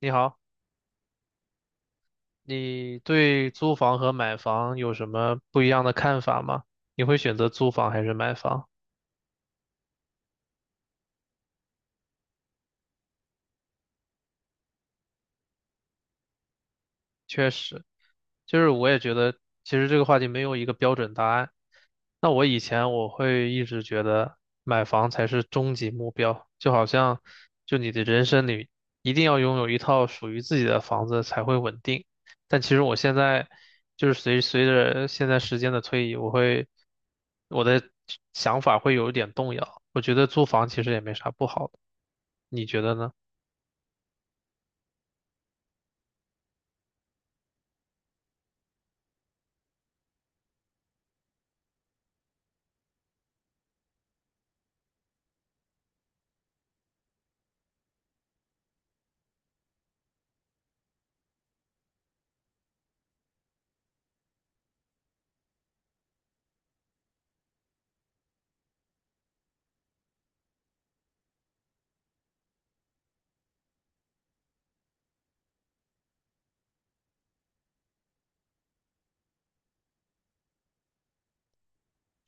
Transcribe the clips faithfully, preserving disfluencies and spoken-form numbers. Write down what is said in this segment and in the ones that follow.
你好，你对租房和买房有什么不一样的看法吗？你会选择租房还是买房？确实，就是我也觉得，其实这个话题没有一个标准答案。那我以前我会一直觉得买房才是终极目标，就好像就你的人生里一定要拥有一套属于自己的房子才会稳定。但其实我现在就是随随着现在时间的推移，我会我的想法会有一点动摇。我觉得租房其实也没啥不好的，你觉得呢？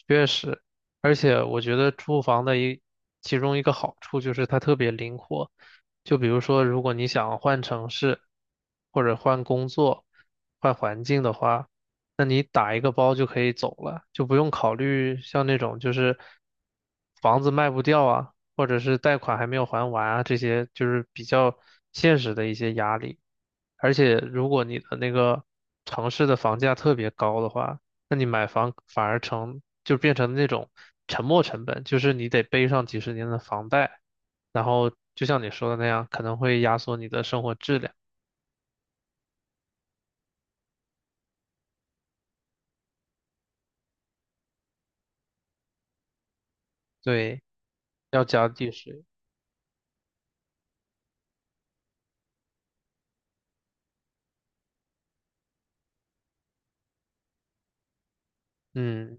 确实，而且我觉得住房的一其中一个好处就是它特别灵活。就比如说，如果你想换城市，或者换工作、换环境的话，那你打一个包就可以走了，就不用考虑像那种就是房子卖不掉啊，或者是贷款还没有还完啊，这些就是比较现实的一些压力。而且，如果你的那个城市的房价特别高的话，那你买房反而成，就变成那种沉没成本，就是你得背上几十年的房贷，然后就像你说的那样，可能会压缩你的生活质量。对，要交地税。嗯，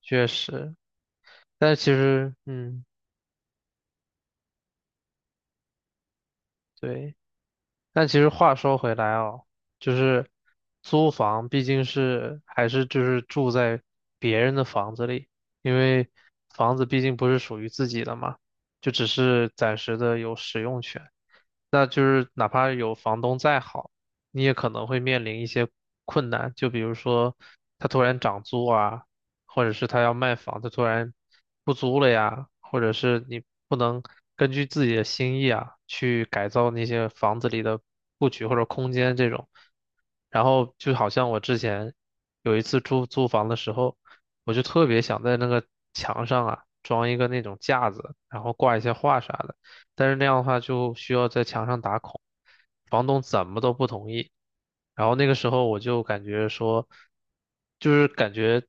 确实。但其实，嗯，对。但其实话说回来哦，就是租房毕竟是还是就是住在别人的房子里，因为房子毕竟不是属于自己的嘛，就只是暂时的有使用权。那就是哪怕有房东再好，你也可能会面临一些困难，就比如说他突然涨租啊，或者是他要卖房，他突然不租了呀，或者是你不能根据自己的心意啊去改造那些房子里的布局或者空间这种。然后就好像我之前有一次租租房的时候，我就特别想在那个墙上啊装一个那种架子，然后挂一些画啥的。但是那样的话就需要在墙上打孔，房东怎么都不同意。然后那个时候我就感觉说，就是感觉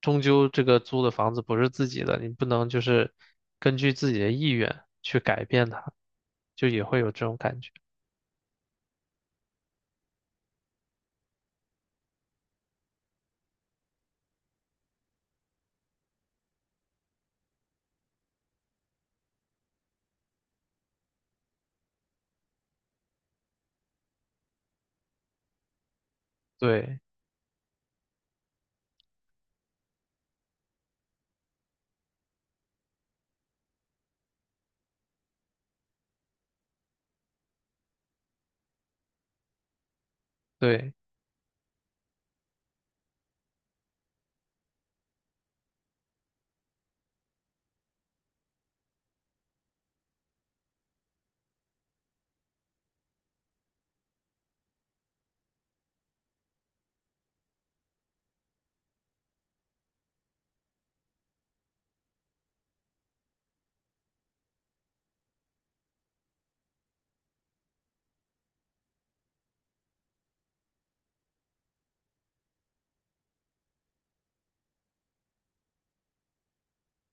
终究这个租的房子不是自己的，你不能就是根据自己的意愿去改变它，就也会有这种感觉。对，对，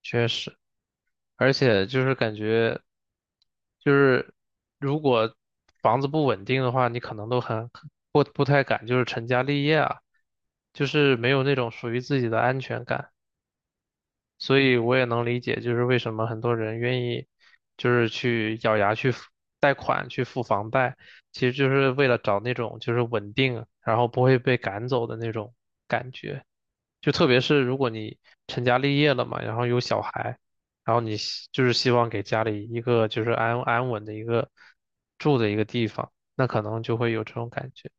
确实。而且就是感觉，就是如果房子不稳定的话，你可能都很不不太敢，就是成家立业啊，就是没有那种属于自己的安全感。所以我也能理解，就是为什么很多人愿意，就是去咬牙去付贷款去付房贷，其实就是为了找那种就是稳定，然后不会被赶走的那种感觉。就特别是如果你成家立业了嘛，然后有小孩，然后你希就是希望给家里一个就是安安稳的一个住的一个地方，那可能就会有这种感觉。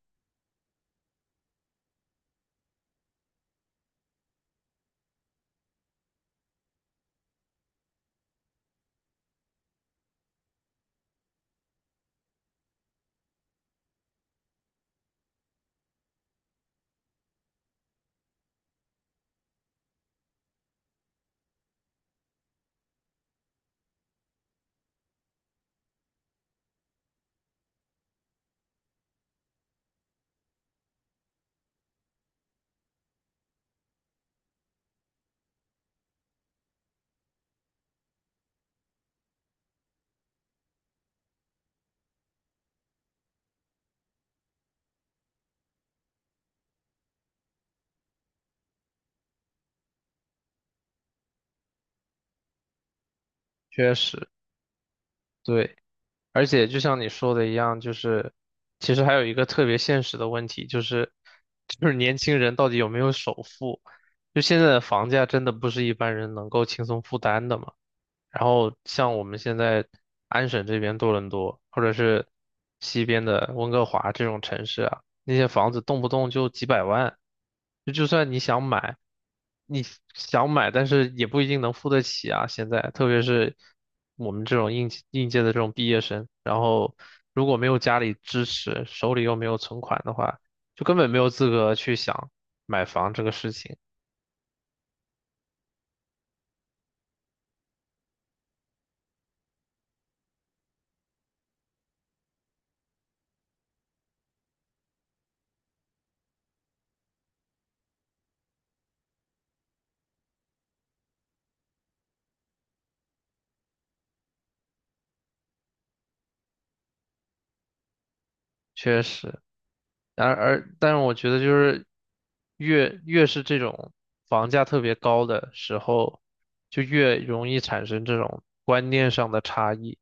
确实，对。而且就像你说的一样，就是其实还有一个特别现实的问题，就是就是年轻人到底有没有首付？就现在的房价真的不是一般人能够轻松负担的嘛。然后像我们现在安省这边多伦多，或者是西边的温哥华这种城市啊，那些房子动不动就几百万，就就算你想买，你想买，但是也不一定能付得起啊。现在，特别是我们这种应应届的这种毕业生，然后如果没有家里支持，手里又没有存款的话，就根本没有资格去想买房这个事情。确实。然而，但是我觉得就是越越是这种房价特别高的时候，就越容易产生这种观念上的差异。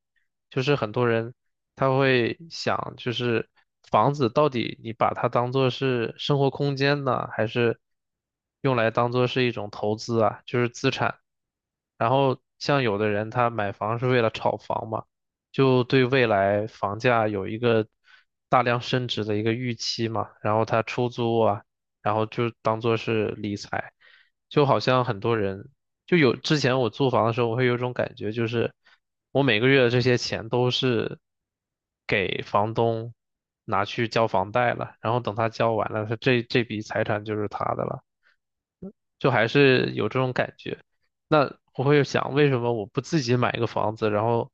就是很多人他会想，就是房子到底你把它当做是生活空间呢，还是用来当做是一种投资啊，就是资产。然后像有的人他买房是为了炒房嘛。就对未来房价有一个大量升值的一个预期嘛，然后他出租啊，然后就当做是理财，就好像很多人就有之前我租房的时候，我会有一种感觉，就是我每个月的这些钱都是给房东拿去交房贷了，然后等他交完了，他这这笔财产就是他的了。就还是有这种感觉。那我会想，为什么我不自己买一个房子，然后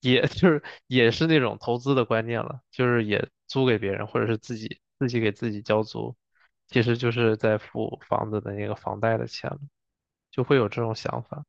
也 就是也是那种投资的观念了，就是也租给别人，或者是自己自己给自己交租，其实就是在付房子的那个房贷的钱了，就会有这种想法，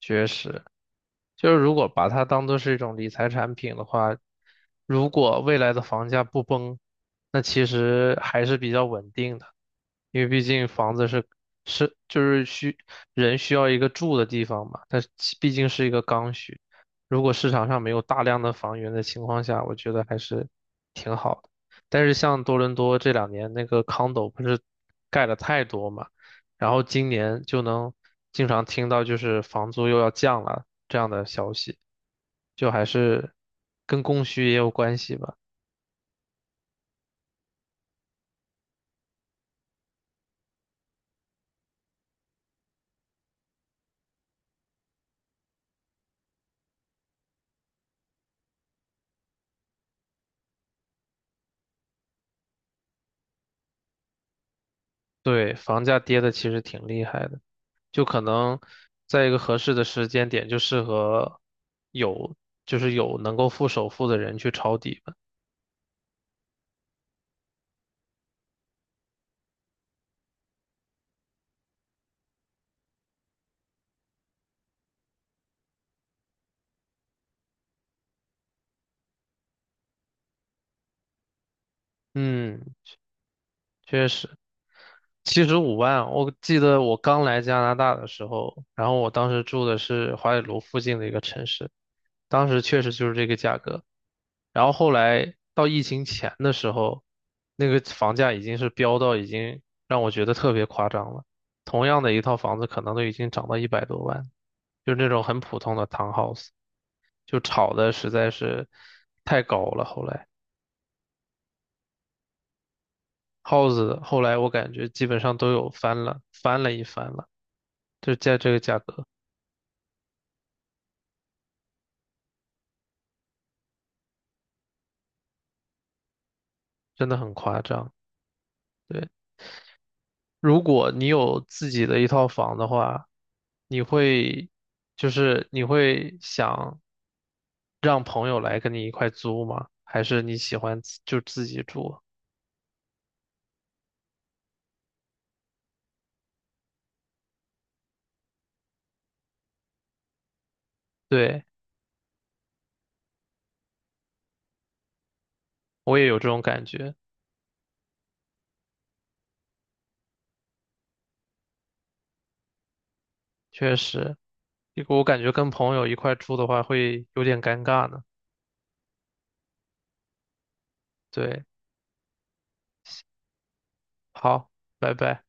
确实。就是如果把它当做是一种理财产品的话，如果未来的房价不崩，那其实还是比较稳定的，因为毕竟房子是是就是需人需要一个住的地方嘛，它其毕竟是一个刚需。如果市场上没有大量的房源的情况下，我觉得还是挺好的。但是像多伦多这两年那个 condo 不是盖了太多嘛？然后今年就能经常听到就是房租又要降了这样的消息，就还是跟供需也有关系吧。对，房价跌的其实挺厉害的，就可能在一个合适的时间点，就适合有就是有能够付首付的人去抄底吧。嗯，确实。七十五万，我记得我刚来加拿大的时候，然后我当时住的是华北卢附近的一个城市，当时确实就是这个价格。然后后来到疫情前的时候，那个房价已经是飙到已经让我觉得特别夸张了。同样的一套房子，可能都已经涨到一百多万，就是那种很普通的 townhouse，就炒的实在是太高了。后来 house 后来我感觉基本上都有翻了，翻了一番了。就在这个价格，真的很夸张。对，如果你有自己的一套房的话，你会，就是你会想让朋友来跟你一块租吗？还是你喜欢自就自己住？对，我也有这种感觉，确实，我感觉跟朋友一块住的话会有点尴尬呢。对，好，拜拜。